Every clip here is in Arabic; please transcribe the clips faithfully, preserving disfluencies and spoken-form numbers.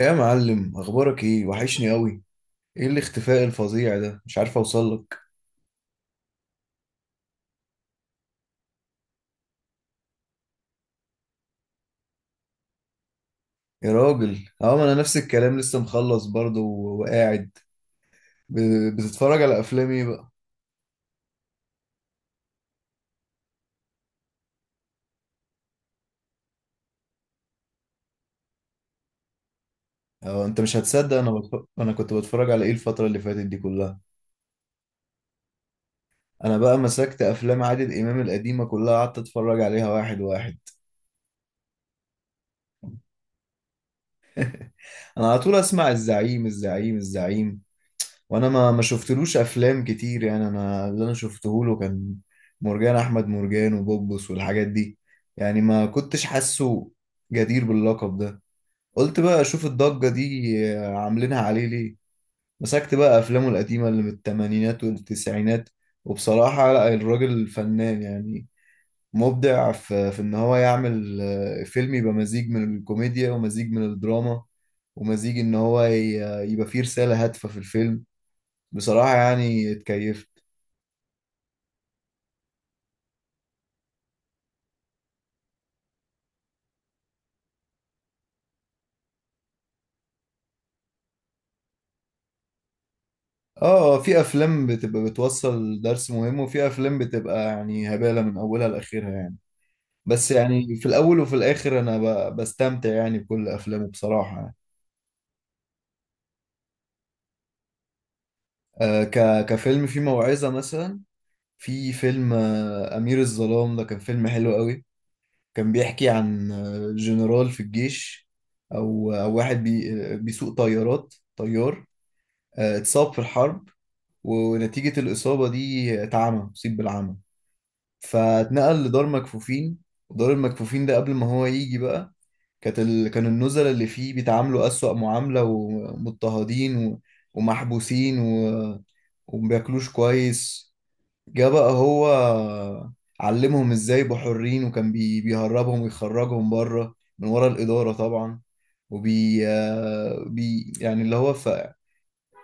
يا معلم، اخبارك ايه؟ وحشني قوي. ايه الاختفاء الفظيع ده؟ مش عارف اوصل لك. يا راجل، اه، ما انا نفس الكلام، لسه مخلص برضه و- وقاعد ب- بتتفرج على افلام ايه بقى؟ اه، انت مش هتصدق. انا بتف... انا كنت بتفرج على ايه الفترة اللي فاتت دي كلها. انا بقى مسكت افلام عادل امام القديمة كلها، قعدت اتفرج عليها واحد واحد. انا على طول اسمع الزعيم الزعيم الزعيم. وانا ما ما شفتلوش افلام كتير يعني. انا اللي انا شفته له كان مرجان احمد مرجان وبوبس والحاجات دي. يعني ما كنتش حاسه جدير باللقب ده. قلت بقى اشوف الضجة دي عاملينها عليه ليه. مسكت بقى افلامه القديمة اللي من الثمانينات والتسعينات، وبصراحة لا، الراجل فنان يعني. مبدع في في ان هو يعمل آه، فيلم يبقى مزيج من الكوميديا ومزيج من الدراما، ومزيج ان هو ي- يبقى فيه رسالة هادفة في الفيلم. بصراحة يعني اتكيفت. اه، في افلام بتبقى بتوصل درس مهم، وفي افلام بتبقى يعني هبالة من اولها لاخرها يعني. بس يعني في الاول وفي الاخر انا ب- بستمتع يعني بكل افلامه بصراحة يعني. آه ك كفيلم فيه موعظة مثلا، في فيلم آه امير الظلام ده. كان فيلم حلو قوي. كان بيحكي عن آه، جنرال في الجيش، او او واحد بي آه، بيسوق طيارات، طيار. آه، اتصاب في الحرب، ونتيجة الإصابة دي اتعمى، أصيب بالعمى. فاتنقل لدار مكفوفين. ودار المكفوفين ده قبل ما هو يجي بقى، كانت ال... كان النزلاء اللي فيه بيتعاملوا أسوأ معاملة، ومضطهدين و... ومحبوسين و... ومبياكلوش كويس. جه بقى هو، علمهم ازاي يبقوا حرين، وكان بي... بيهربهم ويخرجهم بره من ورا الإدارة طبعا. وبي آه، بي يعني اللي هو في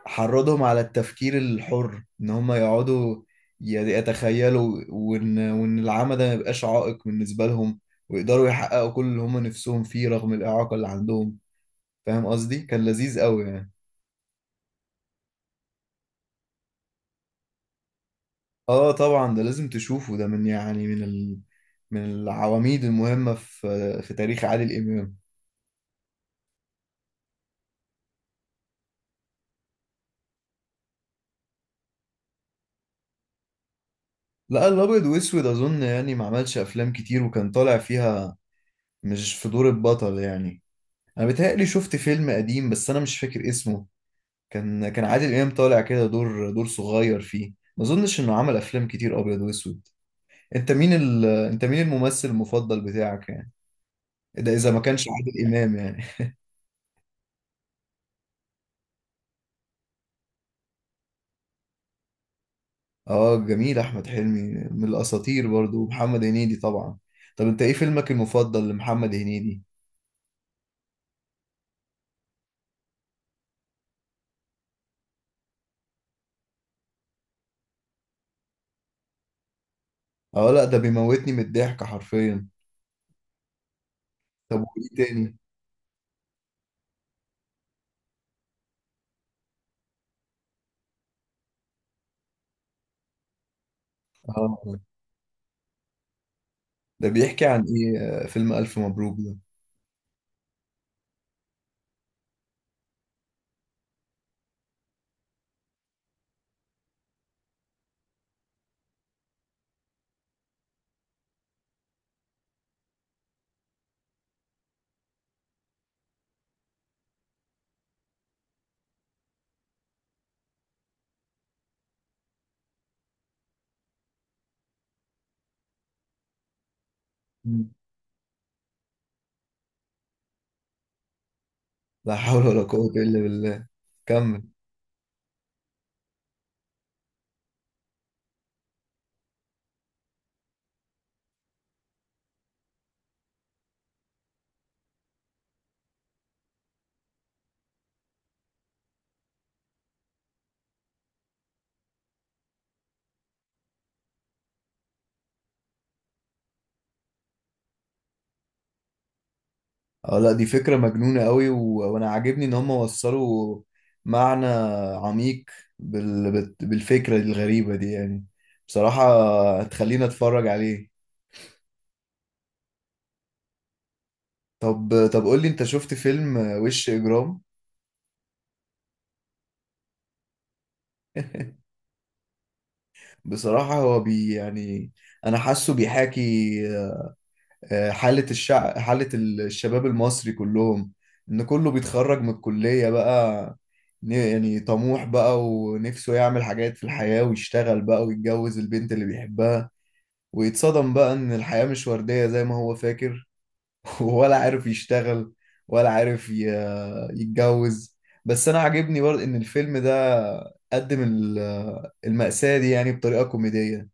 حرضهم على التفكير الحر، ان هم يقعدوا ي- يتخيلوا، وان وان العمى ده ما يبقاش عائق بالنسبه لهم، ويقدروا يحققوا كل اللي هم نفسهم فيه رغم الاعاقه اللي عندهم. فاهم قصدي؟ كان لذيذ قوي يعني. اه طبعا، ده لازم تشوفه. ده من يعني من ال... من العواميد المهمه في في تاريخ عادل امام. لا، الابيض واسود اظن يعني ما عملش افلام كتير، وكان طالع فيها مش في دور البطل يعني. انا بيتهيألي شفت فيلم قديم، بس انا مش فاكر اسمه. كان كان عادل امام طالع كده دور دور صغير فيه. ما اظنش انه عمل افلام كتير ابيض واسود. انت مين ال... انت مين الممثل المفضل بتاعك يعني؟ ده اذا ما كانش عادل امام يعني. اه جميل، احمد حلمي من الاساطير برضو، ومحمد هنيدي طبعا. طب انت ايه فيلمك المفضل لمحمد هنيدي؟ اه لا، ده بيموتني من الضحك حرفيا. طب وايه تاني؟ اه، ده بيحكي عن ايه آه، فيلم الف مبروك ده؟ مم. لا حول ولا قوة الا بالله. كمل. اه لا، دي فكرة مجنونة قوي، و... وانا عاجبني ان هم وصلوا معنى عميق بال... بال- بالفكرة الغريبة دي يعني. بصراحة هتخلينا اتفرج عليه. طب طب، قول لي، انت شفت فيلم وش اجرام؟ بصراحة هو بي يعني انا حاسه بيحاكي آه، حالة الشع... حالة الشباب المصري كلهم. إن كله بيتخرج من الكلية بقى، ن- يعني طموح بقى ونفسه يعمل حاجات في الحياة، ويشتغل بقى ويتجوز البنت اللي بيحبها، ويتصدم بقى إن الحياة مش وردية زي ما هو فاكر. ولا عارف يشتغل، ولا عارف ي... يتجوز. بس أنا عاجبني برضه إن الفيلم ده قدم ال- المأساة دي يعني بطريقة كوميدية.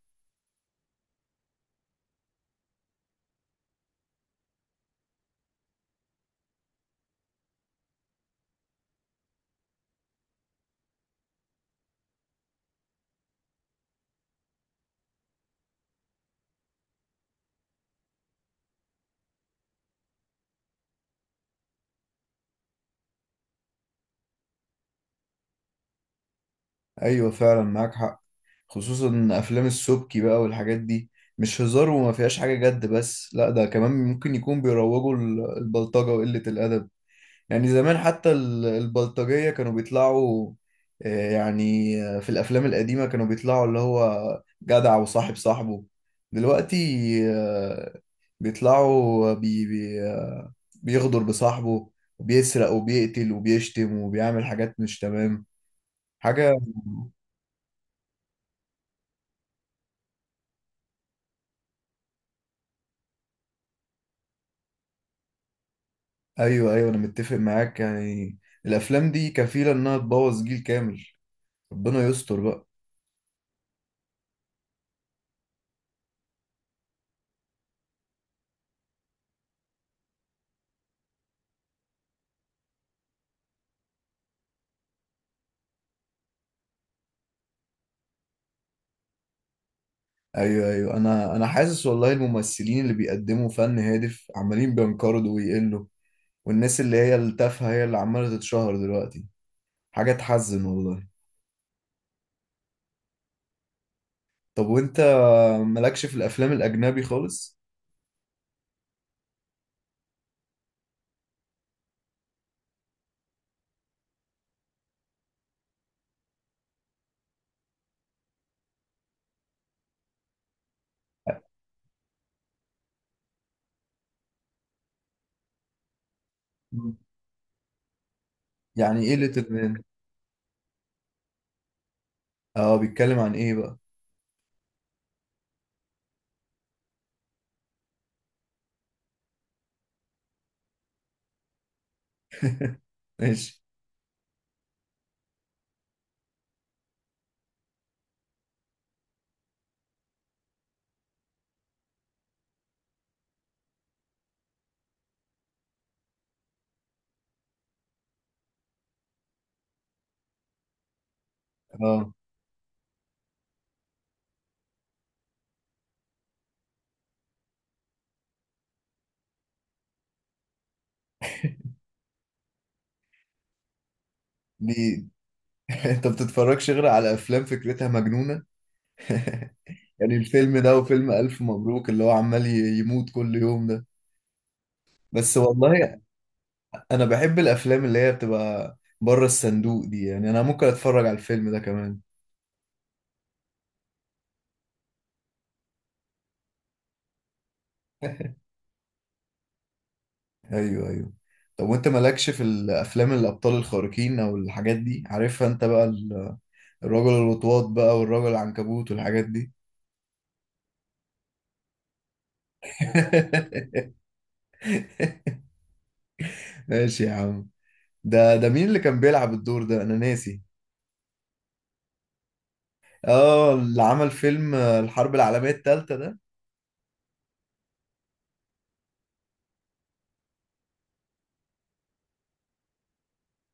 ايوه فعلا، معاك حق. خصوصا ان افلام السبكي بقى والحاجات دي، مش هزار وما فيهاش حاجه جد، بس لا، ده كمان ممكن يكون بيروجوا ال- البلطجه وقله الادب. يعني زمان حتى ال- البلطجيه كانوا بيطلعوا آه، يعني آه، في الافلام القديمه كانوا بيطلعوا اللي هو جدع وصاحب صاحبه. دلوقتي آه، بيطلعوا بي بي آه، بيغدر بصاحبه، وبيسرق وبيقتل وبيشتم وبيعمل حاجات مش تمام. حاجه. ايوه ايوه، انا متفق معاك يعني. الافلام دي كفيله انها تبوظ جيل كامل. ربنا يستر بقى. ايوه ايوه، انا انا حاسس والله الممثلين اللي بيقدموا فن هادف عمالين بينقرضوا ويقلوا، والناس اللي هي التافهه هي اللي عماله تتشهر دلوقتي. حاجه تحزن والله. طب وانت مالكش في الافلام الاجنبي خالص؟ مم. يعني ايه ليتل مان؟ اه بيتكلم عن ايه بقى؟ ماشي. اه بي... انت بتتفرجش غير على افلام فكرتها مجنونه؟ يعني الفيلم ده وفيلم ألف مبروك اللي هو عمال ي- يموت كل يوم ده. بس والله، أنا بحب الأفلام اللي هي بتبقى بره الصندوق دي يعني. أنا ممكن أتفرج على الفيلم ده كمان. أيوه أيوه. طب وأنت مالكش في الأفلام الأبطال الخارقين أو الحاجات دي، عارفها أنت بقى ال- الرجل الوطواط بقى والرجل العنكبوت والحاجات دي؟ ماشي يا عم. ده ده مين اللي كان بيلعب الدور ده؟ أنا ناسي. آه، اللي عمل فيلم آه، الحرب العالمية التالتة ده.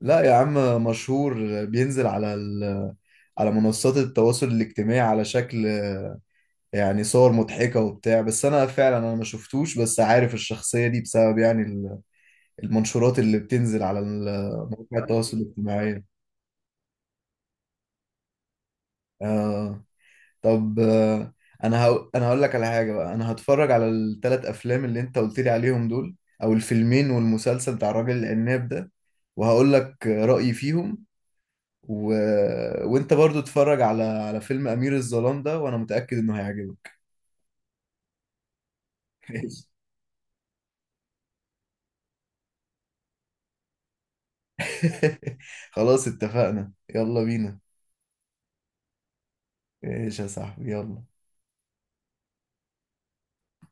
لا يا عم مشهور. بينزل على ال... على منصات التواصل الاجتماعي على شكل يعني صور مضحكة وبتاع، بس انا فعلا انا ما شفتوش، بس عارف الشخصية دي بسبب يعني ال- المنشورات اللي بتنزل على ال- مواقع التواصل الاجتماعي. آه طب آه انا هقو... انا هقول لك على حاجة بقى. انا هتفرج على الثلاث افلام اللي انت قلت لي عليهم دول، او الفيلمين والمسلسل بتاع الراجل العناب ده، وهقول لك رأيي فيهم. و... وانت برضو اتفرج على على فيلم امير الظلام ده، وانا متأكد انه هيعجبك. خلاص اتفقنا، يلا بينا. ايش يا صاحبي، يلا.